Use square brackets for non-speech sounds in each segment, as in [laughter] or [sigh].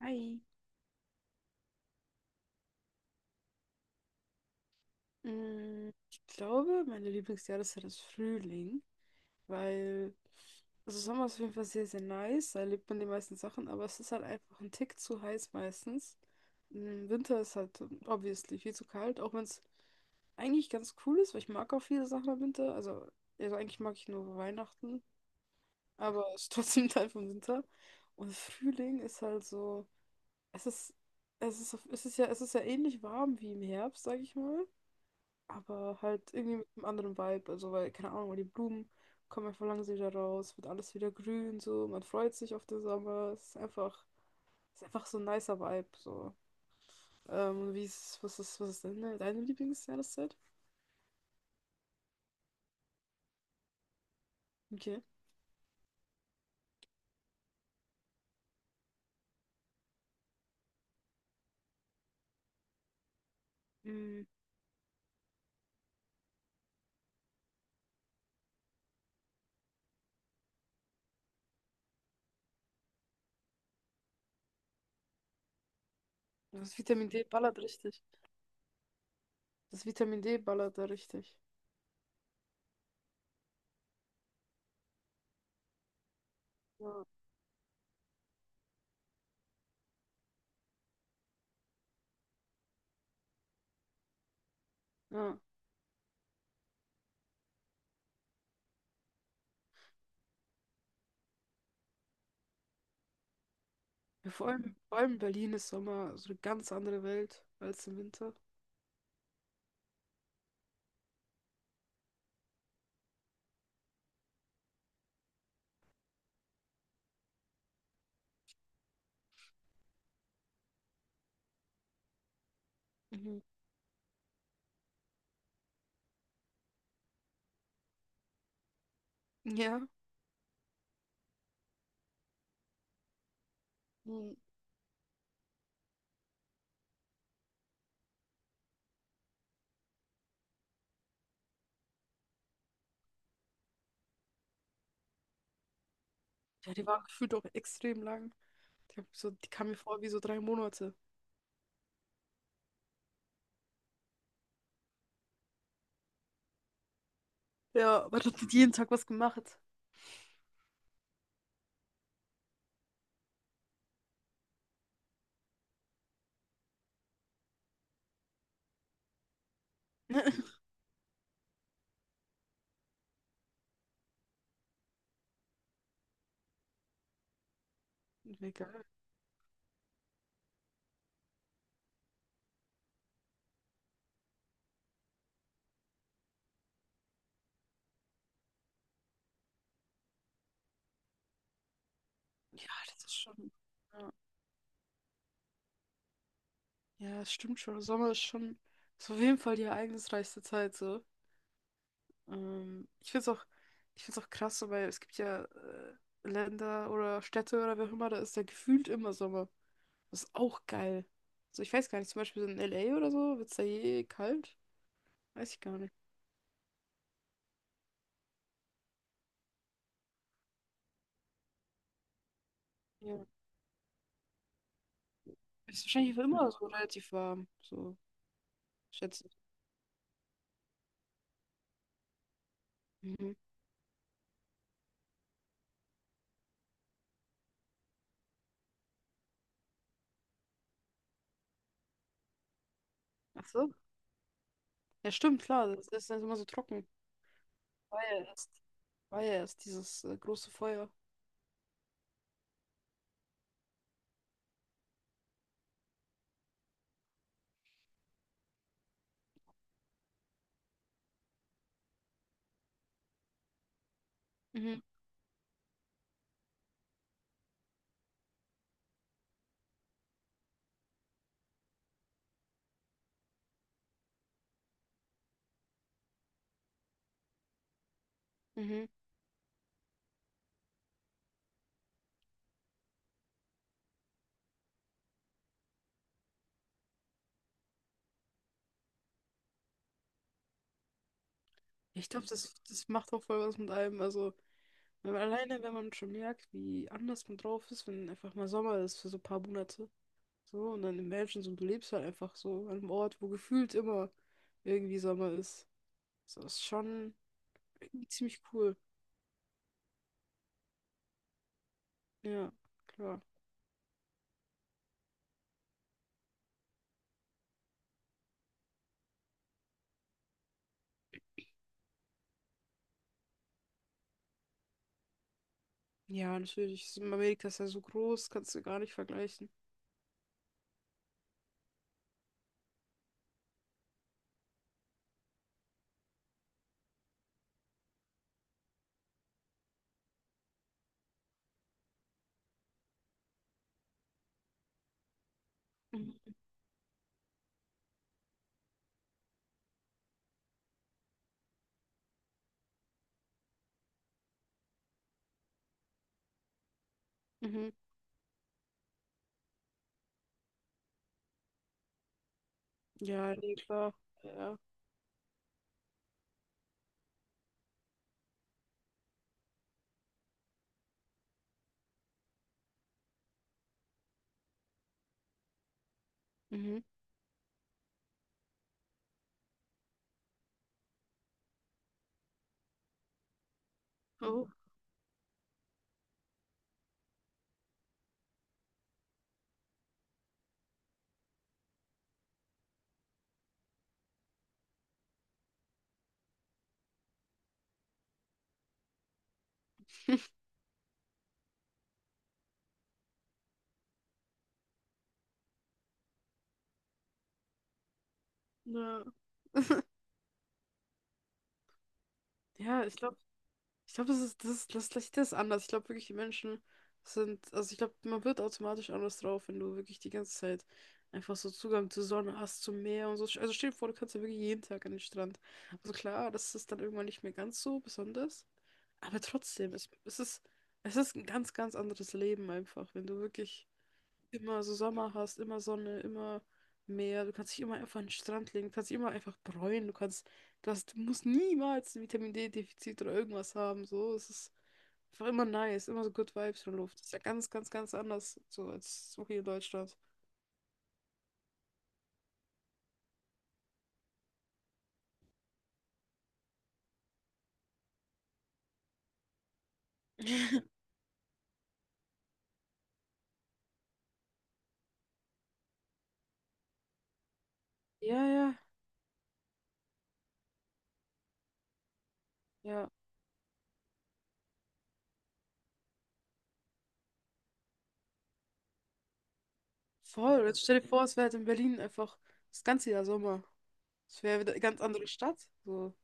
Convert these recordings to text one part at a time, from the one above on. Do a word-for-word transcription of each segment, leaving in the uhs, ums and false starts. Hi. Mm, Ich glaube, meine Lieblingsjahreszeit ist Frühling, weil also Sommer ist auf jeden Fall sehr, sehr nice, da erlebt man die meisten Sachen, aber es ist halt einfach ein Tick zu heiß meistens. Mm, Winter ist halt ähm, obviously viel zu kalt, auch wenn es eigentlich ganz cool ist, weil ich mag auch viele Sachen im Winter. Also, also eigentlich mag ich nur Weihnachten, aber es ist trotzdem [laughs] Teil vom Winter. Und Frühling ist halt so, es ist, es ist, es ist ja, es ist ja ähnlich warm wie im Herbst, sag ich mal. Aber halt irgendwie mit einem anderen Vibe. Also, weil, keine Ahnung, weil die Blumen kommen einfach langsam wieder raus, wird alles wieder grün, so, man freut sich auf den Sommer. Es ist einfach, es ist einfach so ein nicer Vibe. So. Ähm, wie ist, was ist, was ist deine, deine Lieblingsjahreszeit? Okay. Mm, das Vitamin D ballert richtig. Das Vitamin D ballert da richtig. Ja. Ja. Ja, vor allem, vor allem in Berlin ist Sommer so eine ganz andere Welt als im Winter. Mhm. Ja. Mhm. Ja, die war gefühlt auch extrem lang. Die, hab so, die kam mir vor wie so drei Monate. Ja, aber hat die hat jeden Tag was gemacht. [laughs] Egal. Ja, das ist schon. Ja, ja, es stimmt schon. Sommer ist schon ist auf jeden Fall die ereignisreichste Zeit so. Ähm, ich finde es auch, ich find's auch krass, so, weil es gibt ja äh, Länder oder Städte oder wer auch immer, da ist ja gefühlt immer Sommer. Das ist auch geil. So, ich weiß gar nicht, zum Beispiel so in L A oder so, wird es da je kalt? Weiß ich gar nicht. Ja. Ist wahrscheinlich für immer so relativ warm, so schätze ich. Mhm. Ach so? Ja, stimmt, klar, das ist dann immer so trocken. War ja erst, war ja erst dieses äh, große Feuer. Mhm, mhm. Ich glaube, das, das macht auch voll was mit einem. Also, wenn man, alleine, wenn man schon merkt, wie anders man drauf ist, wenn einfach mal Sommer ist für so ein paar Monate. So, und dann im Menschen so, du lebst halt einfach so an einem Ort, wo gefühlt immer irgendwie Sommer ist. So, ist schon irgendwie ziemlich cool. Ja, klar. Ja, natürlich. ist- Amerika ist ja so groß, kannst du gar nicht vergleichen. Mhm. Mhm. Ja, nee, klar. Ja. Mhm. Auch. [laughs] Ja, ja ich glaube, ich glaube, das ist, das ist, das Licht ist anders. Ich glaube wirklich, die Menschen sind, also ich glaube, man wird automatisch anders drauf, wenn du wirklich die ganze Zeit einfach so Zugang zur Sonne hast, zum Meer und so. Also stell dir vor, du kannst ja wirklich jeden Tag an den Strand. Also klar, das ist dann irgendwann nicht mehr ganz so besonders, aber trotzdem, es, es ist, es ist ein ganz, ganz anderes Leben einfach, wenn du wirklich immer so Sommer hast, immer Sonne, immer Meer, du kannst dich immer einfach an den Strand legen, du kannst dich immer einfach bräunen, du kannst, du hast, du musst niemals ein Vitamin D-Defizit oder irgendwas haben, so, es ist einfach immer nice, immer so Good Vibes von Luft, das ist ja ganz, ganz, ganz anders, so, als so hier in Deutschland. [laughs] Ja, ja, ja, voll, jetzt stell dir vor, es wäre halt in Berlin einfach das ganze Jahr Sommer, es wäre wieder eine ganz andere Stadt, so.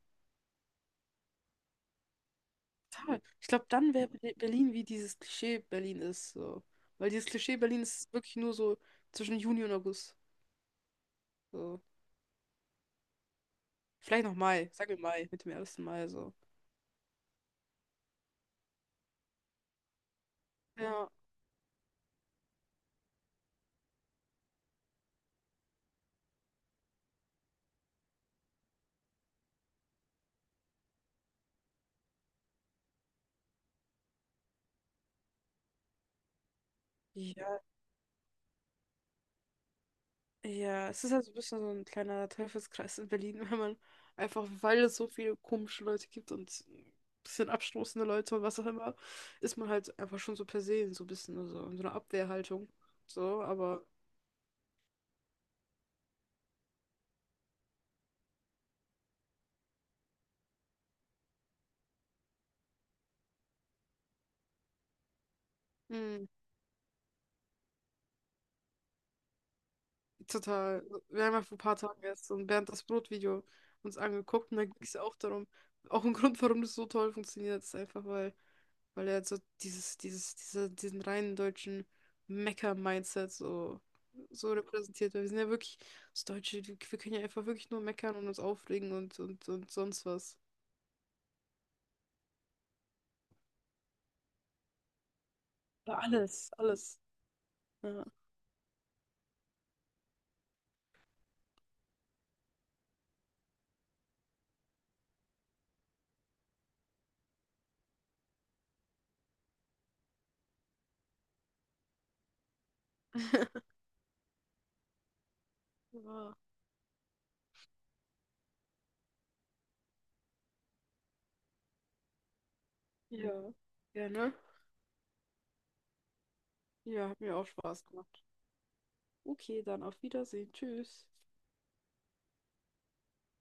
Total. Ich glaube, dann wäre Be- Berlin wie dieses Klischee Berlin ist. So. Weil dieses Klischee Berlin ist wirklich nur so zwischen Juni und August. So. Vielleicht noch Mai, sagen wir Mai, mit dem ersten Mai so. Ja. Ja, ja. Es ist halt so ein bisschen so ein kleiner Teufelskreis in Berlin, [laughs] wenn man einfach, weil es so viele komische Leute gibt und ein bisschen abstoßende Leute und was auch immer, ist man halt einfach schon so per se so ein bisschen so in so einer Abwehrhaltung. So, aber. Total. Wir haben ja vor ein paar Tagen erst so ein Bernd das Brot-Video uns angeguckt und da ging es ja auch darum. Auch ein Grund, warum das so toll funktioniert, ist einfach, weil, weil er so dieses, dieses, diese, diesen reinen deutschen Mecker-Mindset so, so repräsentiert. Weil wir sind ja wirklich das Deutsche, wir, wir können ja einfach wirklich nur meckern und uns aufregen und, und, und sonst was. Über alles, alles. Ja. [laughs] Ja, ja, gerne. Ja, hat mir auch Spaß gemacht. Okay, dann auf Wiedersehen. Tschüss.